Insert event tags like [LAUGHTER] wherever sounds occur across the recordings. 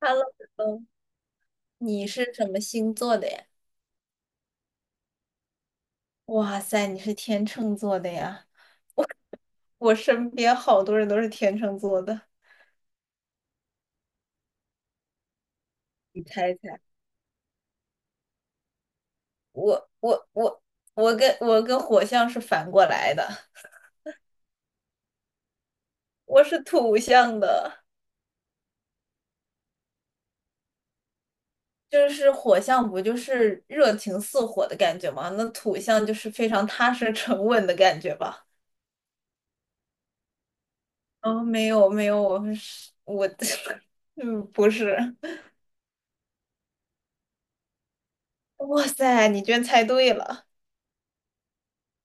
Hello，嗯你是什么星座的呀？哇塞，你是天秤座的呀！我身边好多人都是天秤座的，你猜一猜？我我我我跟火象是反过来的，我是土象的，就是火象不就是热情似火的感觉吗？那土象就是非常踏实沉稳的感觉吧？哦，没有没有，我是我，[LAUGHS] 嗯，不是。[LAUGHS] 哇塞，你居然猜对了，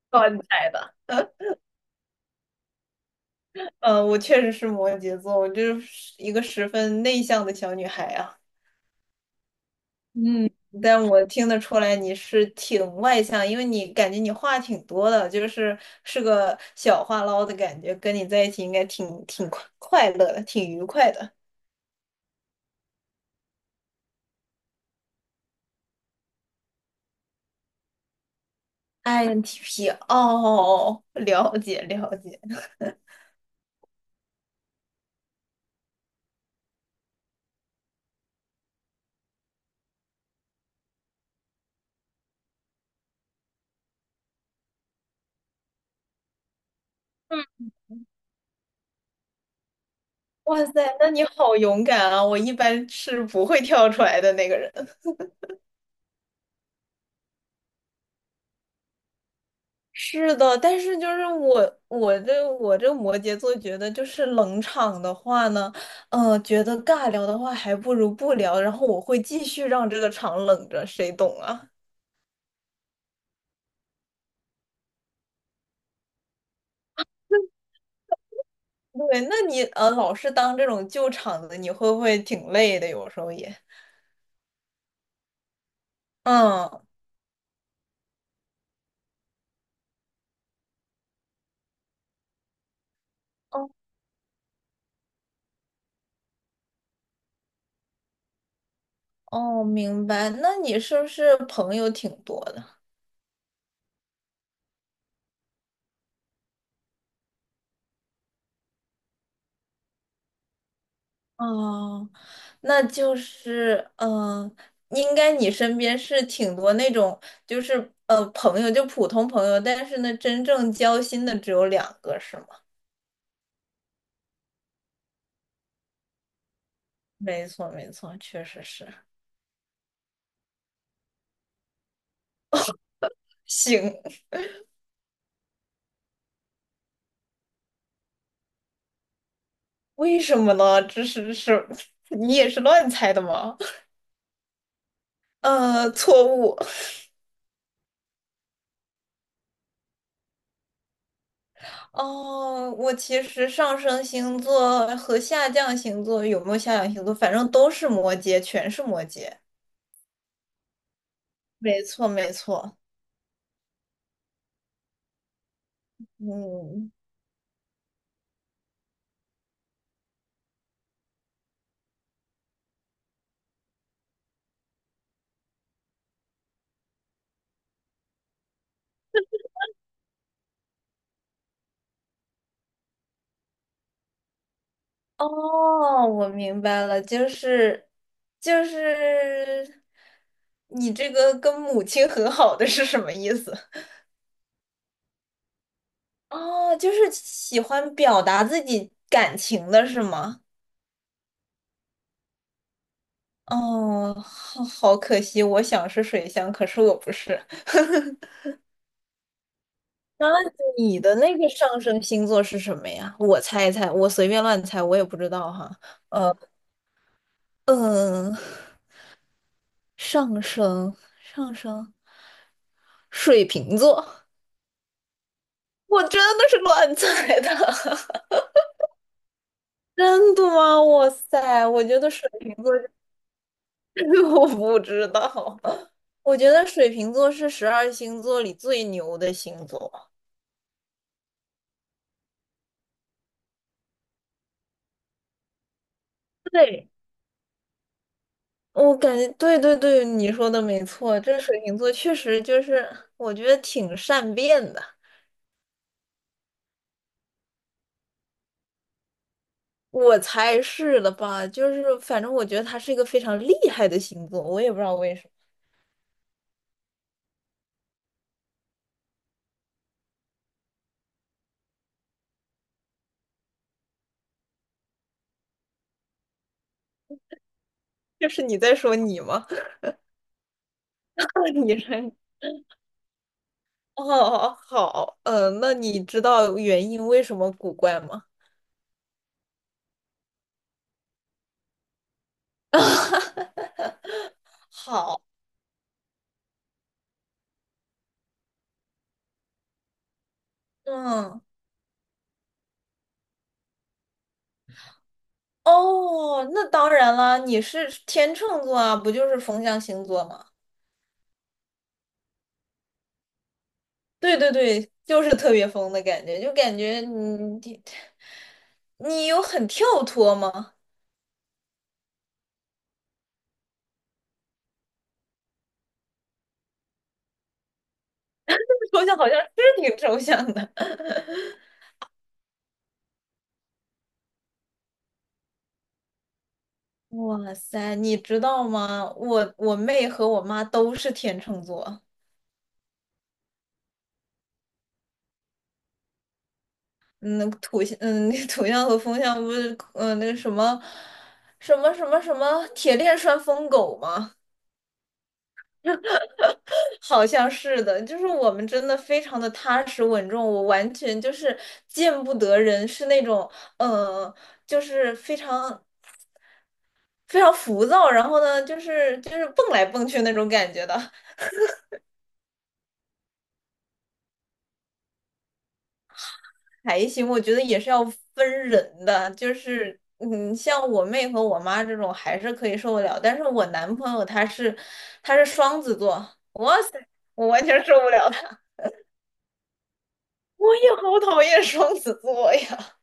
靠你猜的。嗯，我确实是摩羯座，我就是一个十分内向的小女孩啊。嗯，但我听得出来你是挺外向，因为你感觉你话挺多的，就是是个小话唠的感觉，跟你在一起应该挺快乐的，挺愉快的。INTP 哦，了解了解。哇塞，那你好勇敢啊！我一般是不会跳出来的那个人。是的，但是就是我这摩羯座觉得就是冷场的话呢，觉得尬聊的话还不如不聊，然后我会继续让这个场冷着，谁懂啊？[LAUGHS] 对，那你老是当这种救场的，你会不会挺累的？有时候也，嗯，哦哦，明白。那你是不是朋友挺多的？哦，那就是，应该你身边是挺多那种，就是朋友就普通朋友，但是呢，真正交心的只有两个，是吗？没错，没错，确实是 [LAUGHS]。行，为什么呢？这是是，[LAUGHS] 你也是乱猜的吗？[LAUGHS] 错误。哦，我其实上升星座和下降星座有没有下降星座，反正都是摩羯，全是摩羯。没错，没错。嗯，哦，我明白了，就是就是你这个跟母亲和好的是什么意思？哦，就是喜欢表达自己感情的是吗？哦，好，好可惜，我想是水象，可是我不是。[LAUGHS] 那你的那个上升星座是什么呀？我猜一猜，我随便乱猜，我也不知道哈。嗯，上升，上升，水瓶座。我真的是乱猜的，[LAUGHS] 真的吗？哇塞，我觉得水瓶座是 [LAUGHS] 我不知道，我觉得水瓶座是十二星座里最牛的星座。对，我感觉对对对，你说的没错，这水瓶座确实就是我觉得挺善变的，我猜是的吧？就是反正我觉得他是一个非常厉害的星座，我也不知道为什么。这是你在说你吗？[LAUGHS] 你是哦，好，嗯，那你知道原因为什么古怪吗？[LAUGHS] 好，嗯，哦，那当然了，你是天秤座啊，不就是风象星座吗？对对对，就是特别疯的感觉，就感觉你你有很跳脱吗？[LAUGHS] 抽象好像是挺抽象的。[LAUGHS] 哇塞，你知道吗？我妹和我妈都是天秤座。嗯，土象，嗯，那土象和风象不是，嗯，那个什么，什么铁链拴疯狗吗？[LAUGHS] 好像是的，就是我们真的非常的踏实稳重，我完全就是见不得人，是那种，嗯，就是非常非常浮躁，然后呢，就是蹦来蹦去那种感觉的。还行，我觉得也是要分人的，就是嗯，像我妹和我妈这种还是可以受得了，但是我男朋友他是双子座，我完全受不了他，[LAUGHS] 我也好讨厌双子座呀。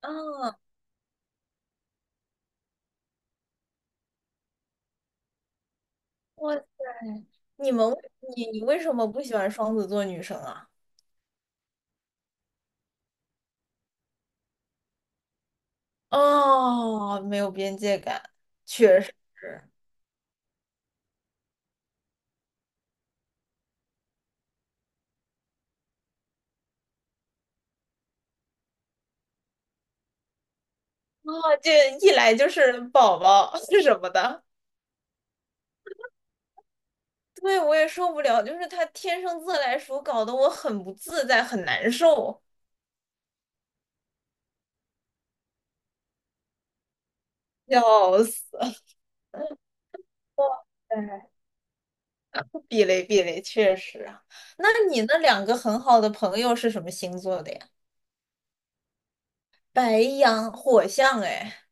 啊，我你们为你你为什么不喜欢双子座女生啊？哦，没有边界感，确实。哦，这一来就是宝宝 [LAUGHS] 是什么的，对，我也受不了，就是他天生自来熟，搞得我很不自在，很难受，笑死。哎，避雷避雷，确实啊。那你那两个很好的朋友是什么星座的呀？白羊、火象，哎，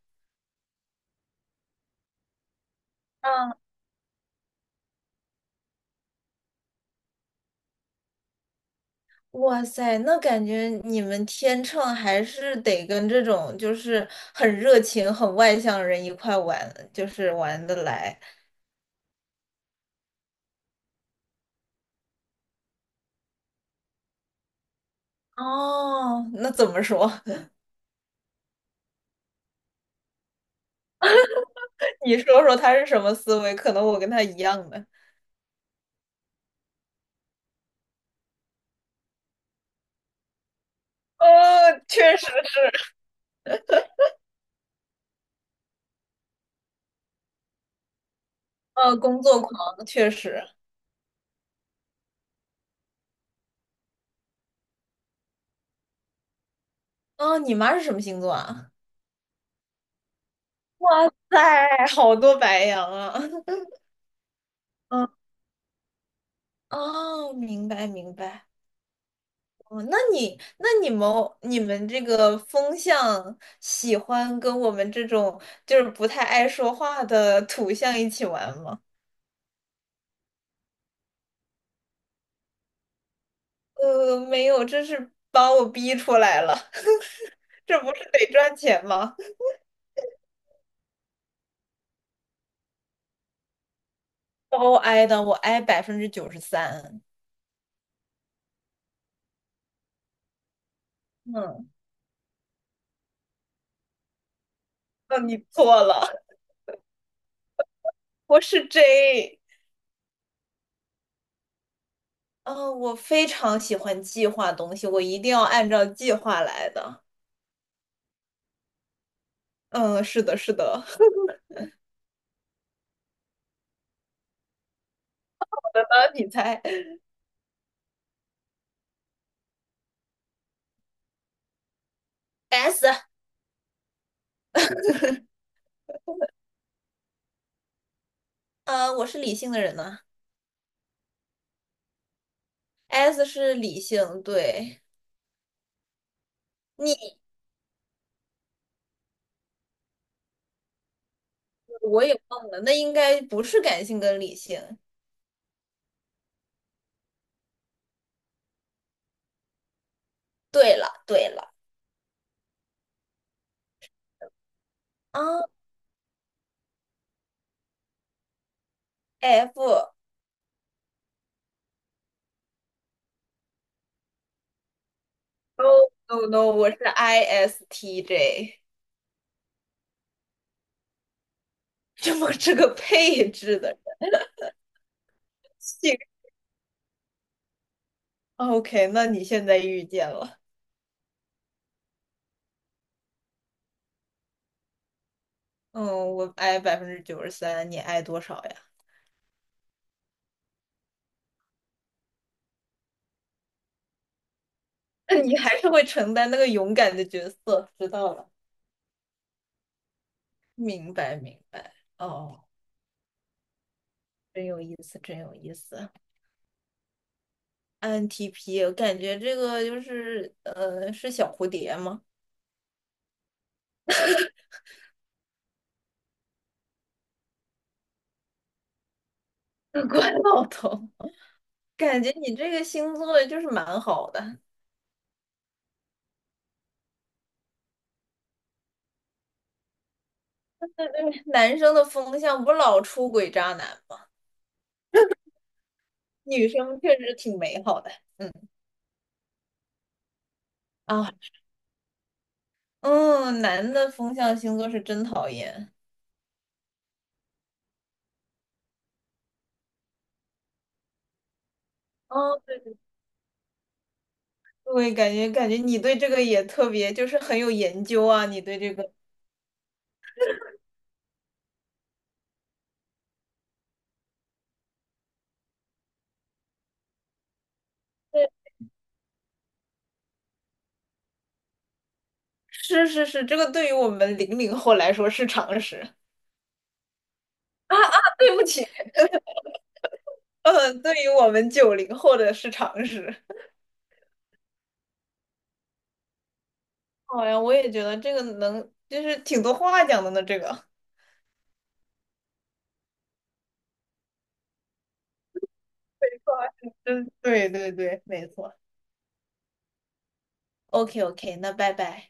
啊，哇塞，那感觉你们天秤还是得跟这种就是很热情、很外向的人一块玩，就是玩得来。哦，那怎么说？[LAUGHS] 你说说他是什么思维？可能我跟他一样的。哦，确实，工作狂，确实。哦，你妈是什么星座啊？[LAUGHS] 哎，好多白羊啊。[LAUGHS] 嗯，哦，明白明白。哦，那你们你们这个风象喜欢跟我们这种就是不太爱说话的土象一起玩吗？没有，这是把我逼出来了，[LAUGHS] 这不是得赚钱吗？包挨的，我挨百分之九十三。嗯，那你错了，我是 J。嗯，我非常喜欢计划东西，我一定要按照计划来的。嗯，是的，是的。[LAUGHS] 你猜 S？我是理性的人呢、S 是理性，对。你我也忘了，那应该不是感性跟理性。对了，对了。啊，F？n o n o no，我是 ISTJ，这么这个配置的人性。OK，那你现在遇见了。嗯，我 I 百分之九十三，你 I 多少呀？[LAUGHS] 那你还是会承担那个勇敢的角色，知道了，明白明白。哦，真有意思，真有意思。INTP，我感觉这个就是是小蝴蝶吗？[LAUGHS] 关老头，感觉你这个星座就是蛮好的。男生的风向不老出轨渣男吗，女生确实挺美好的。嗯啊，嗯，男的风象星座是真讨厌。哦，对对，对感觉你对这个也特别，就是很有研究啊，你对这个。是是是，这个对于我们00后来说是常识，啊啊，对不起，[LAUGHS] 嗯，对于我们90后的是常识。好呀，我也觉得这个能，就是挺多话讲的呢。这个，嗯，对对对，没错。OK OK，那拜拜。